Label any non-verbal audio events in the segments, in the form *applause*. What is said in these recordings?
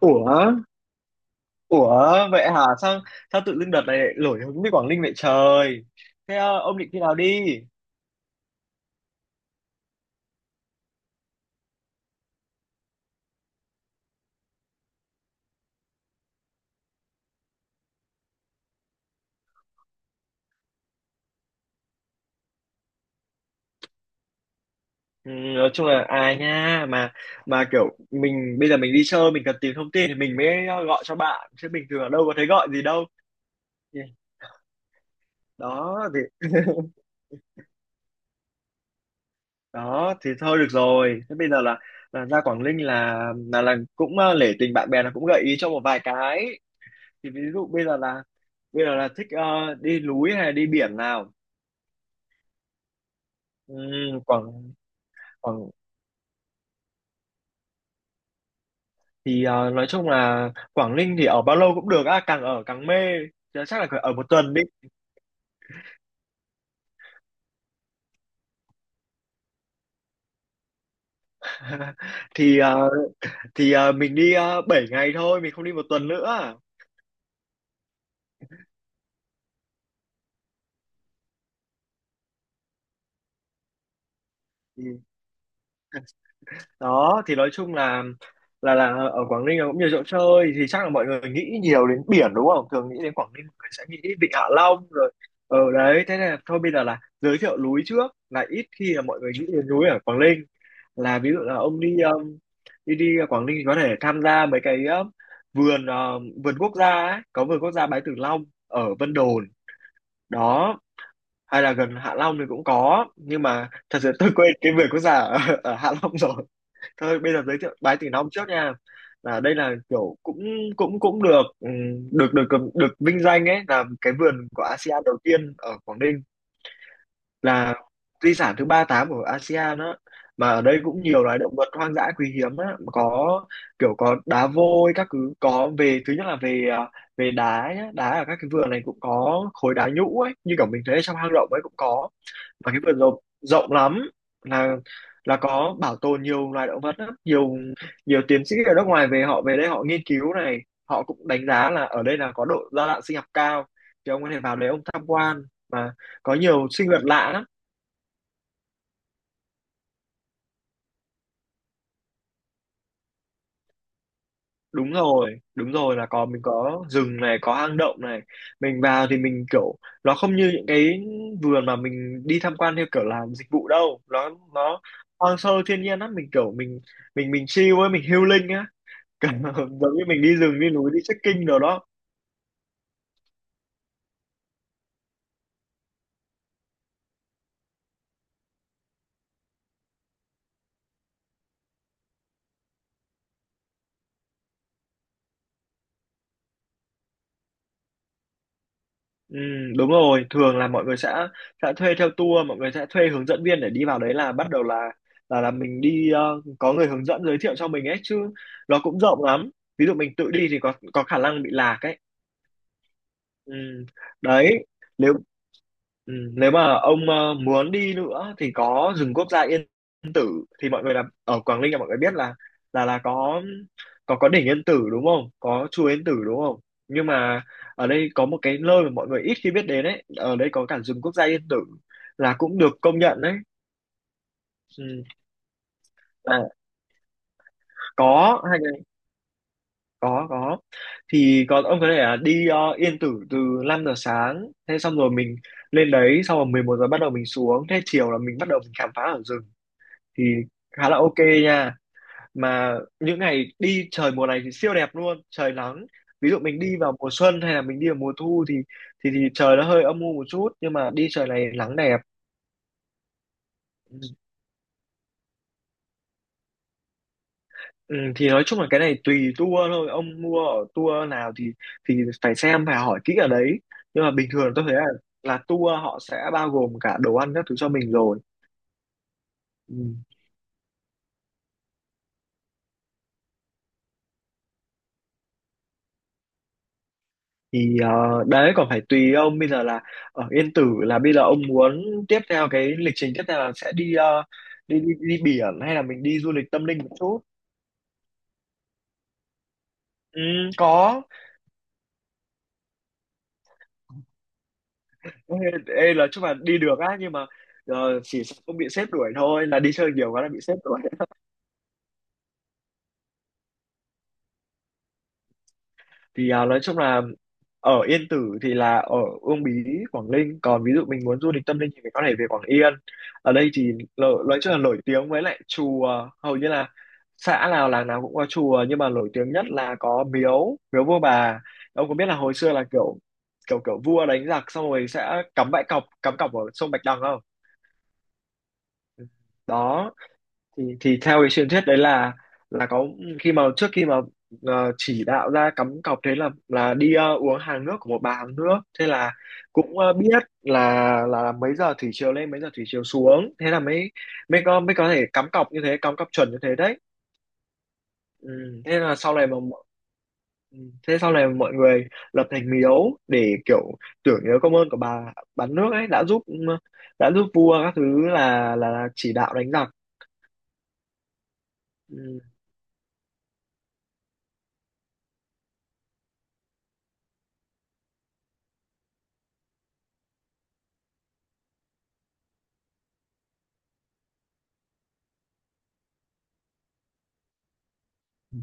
Ủa, ủa, vậy hả? Sao sao tự dưng đợt này lại nổi hứng với Quảng Ninh vậy trời? Thế ông định khi nào đi? Ừ, nói chung là à nha mà kiểu mình bây giờ mình đi chơi mình cần tìm thông tin thì mình mới gọi cho bạn, chứ bình thường ở đâu có thấy gọi gì đâu. Thì- Đó thì *laughs* Đó thì thôi được rồi. Thế bây giờ là ra Quảng Ninh là cũng nể tình bạn bè, là cũng gợi ý cho một vài cái. Thì ví dụ bây giờ là thích đi núi hay là đi biển nào? Ừ, Quảng Quảng thì à, nói chung là Quảng Ninh thì ở bao lâu cũng được á, càng ở càng mê. Chứ chắc là phải ở một tuần đi. *laughs* Thì à, mình đi 7 ngày thôi, mình không đi một tuần nữa. Đó thì nói chung là ở Quảng Ninh cũng nhiều chỗ chơi, thì chắc là mọi người nghĩ nhiều đến biển đúng không, thường nghĩ đến Quảng Ninh mọi người sẽ nghĩ Vịnh Hạ Long rồi ở đấy, thế nên là thôi bây giờ là giới thiệu núi trước, là ít khi là mọi người nghĩ đến núi ở Quảng Ninh, là ví dụ là ông đi đi đi Quảng Ninh thì có thể tham gia mấy cái vườn vườn quốc gia ấy. Có vườn quốc gia Bái Tử Long ở Vân Đồn đó, hay là gần Hạ Long thì cũng có, nhưng mà thật sự tôi quên cái vườn quốc gia ở Hạ Long rồi. Thôi bây giờ giới thiệu Bái Từ Long trước nha. Là đây là kiểu cũng cũng cũng được được được được vinh danh ấy, là cái vườn của ASEAN đầu tiên ở Quảng Ninh, là di sản thứ ba tám của ASEAN đó. Mà ở đây cũng nhiều loài động vật hoang dã quý hiếm á, có kiểu có đá vôi các thứ, có về thứ nhất là về à, về đá nhá, đá ở các cái vườn này cũng có khối đá nhũ ấy, như kiểu mình thấy trong hang động ấy cũng có. Và cái vườn rộng rộng lắm, là là có bảo tồn nhiều loài động vật lắm. Nhiều nhiều tiến sĩ ở nước ngoài về, họ về đây họ nghiên cứu này, họ cũng đánh giá là ở đây là có độ đa dạng sinh học cao, thì ông có thể vào đấy ông tham quan, mà có nhiều sinh vật lạ lắm. Đúng rồi, đúng rồi, là có, mình có rừng này, có hang động này, mình vào thì mình kiểu, nó không như những cái vườn mà mình đi tham quan theo kiểu làm dịch vụ đâu, nó hoang sơ thiên nhiên lắm, mình kiểu mình, mình chill ấy, mình healing á. *laughs* Giống như mình đi rừng, đi núi, đi trekking đồ đó. Ừ, đúng rồi, thường là mọi người sẽ thuê theo tour, mọi người sẽ thuê hướng dẫn viên để đi vào đấy, là bắt đầu là, là mình đi có người hướng dẫn giới thiệu cho mình ấy chứ, nó cũng rộng lắm, ví dụ mình tự đi thì có khả năng bị lạc ấy. Ừ. Đấy, nếu nếu mà ông muốn đi nữa thì có rừng quốc gia Yên Tử, thì mọi người là ở Quảng Ninh là mọi người biết là, là có đỉnh Yên Tử đúng không? Có chùa Yên Tử đúng không? Nhưng mà ở đây có một cái nơi mà mọi người ít khi biết đến ấy, ở đây có cả rừng quốc gia Yên Tử, là cũng được công nhận đấy. Ừ. À, có hai là- có thì có, ông có thể là đi Yên Tử từ 5 giờ sáng, thế xong rồi mình lên đấy, xong rồi 11 giờ bắt đầu mình xuống, thế chiều là mình bắt đầu mình khám phá ở rừng, thì khá là ok nha. Mà những ngày đi trời mùa này thì siêu đẹp luôn, trời nắng. Ví dụ mình đi vào mùa xuân hay là mình đi vào mùa thu thì, thì trời nó hơi âm u một chút, nhưng mà đi trời này nắng đẹp. Ừ, thì nói chung là cái này tùy tour thôi, ông mua ở tour nào thì phải xem phải hỏi kỹ ở đấy, nhưng mà bình thường tôi thấy là tour họ sẽ bao gồm cả đồ ăn các thứ cho mình rồi. Ừ. Thì đấy còn phải tùy ông, bây giờ là ở Yên Tử là bây giờ ông muốn tiếp theo, cái lịch trình tiếp theo là sẽ đi đi biển hay là mình đi du lịch tâm linh một chút. Ừ, có. Ê, ê, là chúc bạn đi được á, nhưng mà chỉ sợ không bị sếp đuổi thôi, là đi chơi nhiều quá là bị sếp đuổi. Thì à, nói chung là ở Yên Tử thì là ở Uông Bí, Quảng Ninh. Còn ví dụ mình muốn du lịch tâm linh thì mình có thể về Quảng Yên. Ở đây thì nói chung là nổi tiếng với lại chùa, hầu như là xã nào làng nào cũng có chùa, nhưng mà nổi tiếng nhất là có miếu, miếu vua bà. Ông có biết là hồi xưa là kiểu kiểu kiểu vua đánh giặc xong rồi sẽ cắm bãi cọc, cắm cọc ở sông Bạch Đằng không? Đó thì theo cái truyền thuyết đấy là, có, khi mà trước khi mà chỉ đạo ra cắm cọc, thế là đi uống hàng nước của một bà hàng nước, thế là cũng biết là là mấy giờ thủy triều lên, mấy giờ thủy triều xuống, thế là mới mới có thể cắm cọc như thế, cắm cọc chuẩn như thế đấy. ừ, thế là sau này mà mọi- ừ, thế sau này mọi người lập thành miếu để kiểu tưởng nhớ công ơn của bà bán nước ấy, đã giúp đã giúp vua các thứ, là chỉ đạo đánh giặc. Ừ.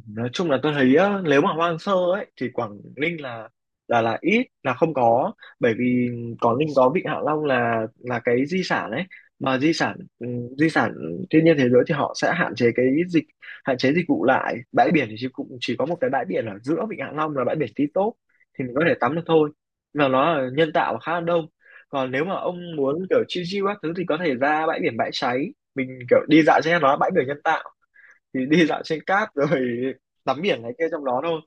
Nói chung là tôi thấy á, nếu mà hoang sơ ấy thì Quảng Ninh là, là ít, là không có, bởi vì Quảng Ninh có Vịnh Hạ Long là, cái di sản ấy, mà di sản di sản thiên nhiên thế giới, thì họ sẽ hạn chế cái hạn chế dịch vụ lại. Bãi biển thì chỉ, cũng chỉ có một cái bãi biển ở giữa Vịnh Hạ Long là bãi biển Tí Tốp, thì mình có thể tắm được thôi, và nó là nhân tạo và khá là đông. Còn nếu mà ông muốn kiểu chill chill các thứ thì có thể ra bãi biển Bãi Cháy, mình kiểu đi dạo trên, nó là bãi biển nhân tạo, thì đi dạo trên cát *laughs* rồi tắm biển này kia trong đó thôi.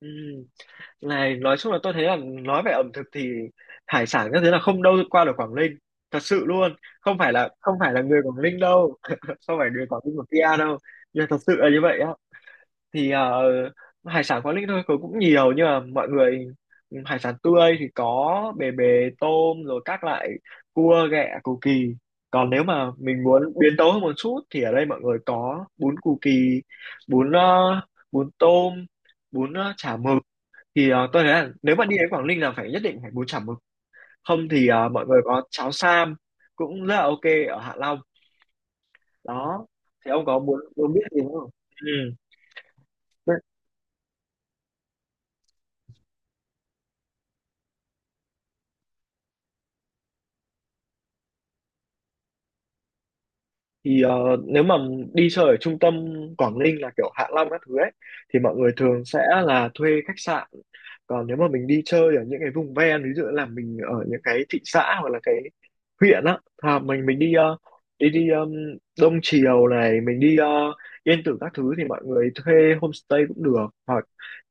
Ừ. Này, nói chung là tôi thấy là nói về ẩm thực thì hải sản các thứ là không đâu qua được Quảng Ninh, thật sự luôn. Không phải là người Quảng Ninh đâu *laughs* không phải người Quảng Ninh của kia đâu, nhưng mà thật sự là như vậy á. Thì hải sản quán Linh thôi có cũng nhiều, nhưng mà mọi người hải sản tươi thì có bề bề, tôm, rồi các loại cua, ghẹ, cù kỳ. Còn nếu mà mình muốn biến tấu hơn một chút thì ở đây mọi người có bún cù kỳ, bún ờ, bún tôm, bún chả mực. Thì tôi thấy là nếu mà đi đến Quảng Ninh là phải, nhất định phải bún chả mực. Không thì mọi người có cháo sam, cũng rất là ok ở Hạ Long đó. Thì ông có muốn muốn biết gì nữa không? Ừ. Thì nếu mà đi chơi ở trung tâm Quảng Ninh là kiểu Hạ Long các thứ ấy thì mọi người thường sẽ là thuê khách sạn. Còn nếu mà mình đi chơi ở những cái vùng ven, ví dụ là mình ở những cái thị xã hoặc là cái huyện á, à, mình đi đi đi Đông Triều này, mình đi Yên Tử các thứ thì mọi người thuê homestay cũng được, hoặc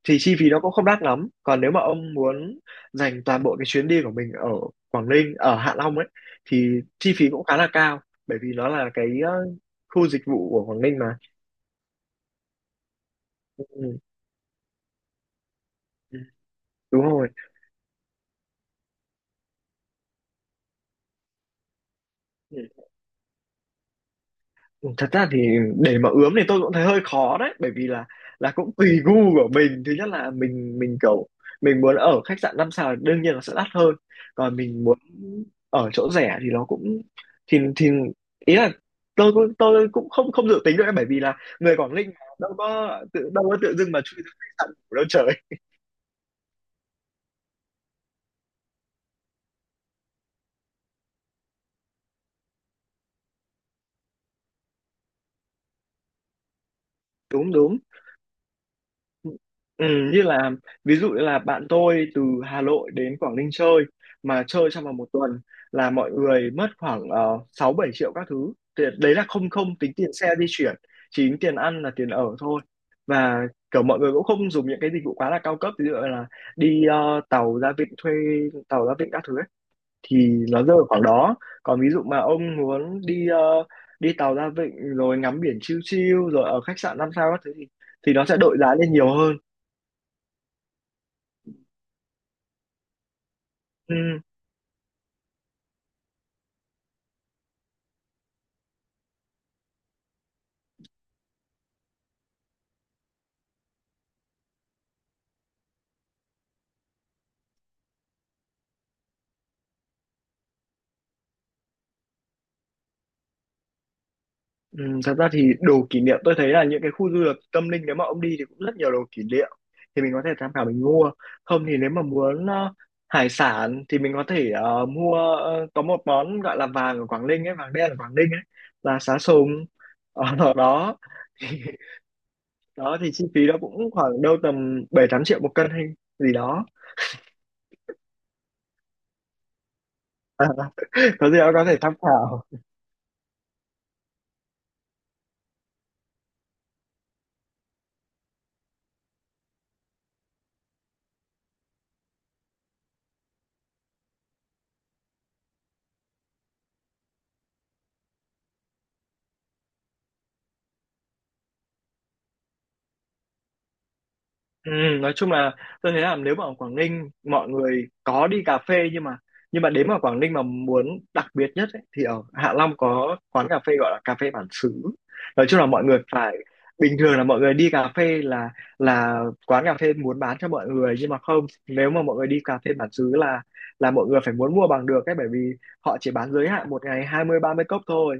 thì chi phí nó cũng không đắt lắm. Còn nếu mà ông muốn dành toàn bộ cái chuyến đi của mình ở Quảng Ninh, ở Hạ Long ấy, thì chi phí cũng khá là cao, bởi vì nó là cái khu dịch vụ của Quảng Ninh mà. Ừ, ừ, đúng rồi. Ừ. Thật ra thì để mà ướm thì tôi cũng thấy hơi khó đấy, bởi vì là cũng tùy gu của mình. Thứ nhất là mình kiểu mình muốn ở khách sạn năm sao thì đương nhiên nó sẽ đắt hơn, còn mình muốn ở chỗ rẻ thì nó cũng thì ý là tôi cũng không không dự tính được ấy, bởi vì là người Quảng Ninh mà, đâu có tự dưng mà chui ra khách sạn ngủ đâu trời. Đúng đúng. Ừ, như là ví dụ như là bạn tôi từ Hà Nội đến Quảng Ninh chơi mà chơi trong vòng 1 tuần là mọi người mất khoảng 6 7 triệu các thứ. Thì đấy là không không tính tiền xe di chuyển, chỉ tính tiền ăn là tiền ở thôi. Và kiểu mọi người cũng không dùng những cái dịch vụ quá là cao cấp, ví dụ là đi tàu ra vịnh, thuê tàu ra vịnh các thứ ấy, thì nó rơi vào khoảng đó. Còn ví dụ mà ông muốn đi đi tàu ra vịnh rồi ngắm biển chill chill rồi ở khách sạn năm sao các thứ thì nó sẽ đội giá lên nhiều hơn. Ừ, ừ, thật ra thì đồ kỷ niệm tôi thấy là những cái khu du lịch tâm linh, nếu mà ông đi thì cũng rất nhiều đồ kỷ niệm, thì mình có thể tham khảo mình mua. Không thì nếu mà muốn hải sản thì mình có thể mua có một món gọi là vàng ở Quảng Ninh ấy, vàng đen ở Quảng Ninh ấy, là sá sùng ở *laughs* đó. Thì, đó thì chi phí đó cũng khoảng đâu tầm 7 8 triệu một cân hay gì đó, có gì đó có thể tham khảo. Ừ, nói chung là tôi thấy là nếu mà ở Quảng Ninh mọi người có đi cà phê, nhưng mà đến mà Quảng Ninh mà muốn đặc biệt nhất ấy, thì ở Hạ Long có quán cà phê gọi là cà phê bản xứ. Nói chung là mọi người phải, bình thường là mọi người đi cà phê là quán cà phê muốn bán cho mọi người, nhưng mà không, nếu mà mọi người đi cà phê bản xứ là mọi người phải muốn mua bằng được ấy, bởi vì họ chỉ bán giới hạn một ngày 20 30 cốc thôi,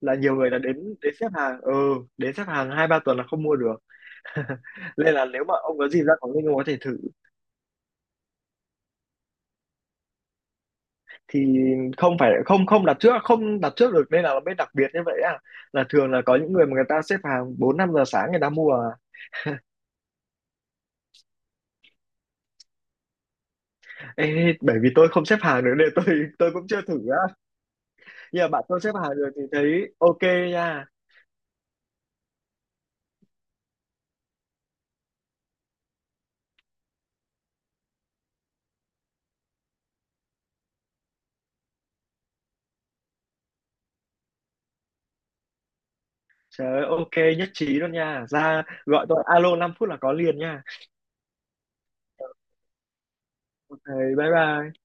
là nhiều người đã đến đến xếp hàng, ừ đến xếp hàng 2 3 tuần là không mua được. *laughs* Nên là nếu mà ông có dịp ra Quảng Ninh ông có thể thử. Thì không phải, không không đặt trước, không đặt trước được nên là nó mới đặc biệt như vậy à, là thường là có những người mà người ta xếp hàng 4 5 giờ sáng người ta mua à. Ê, bởi vì tôi không xếp hàng được nên tôi cũng chưa thử á, nhưng mà bạn tôi xếp hàng được thì thấy ok nha. Trời ơi, ok, nhất trí luôn nha, ra gọi tôi alo 5 phút là có liền nha. Ok, bye bye.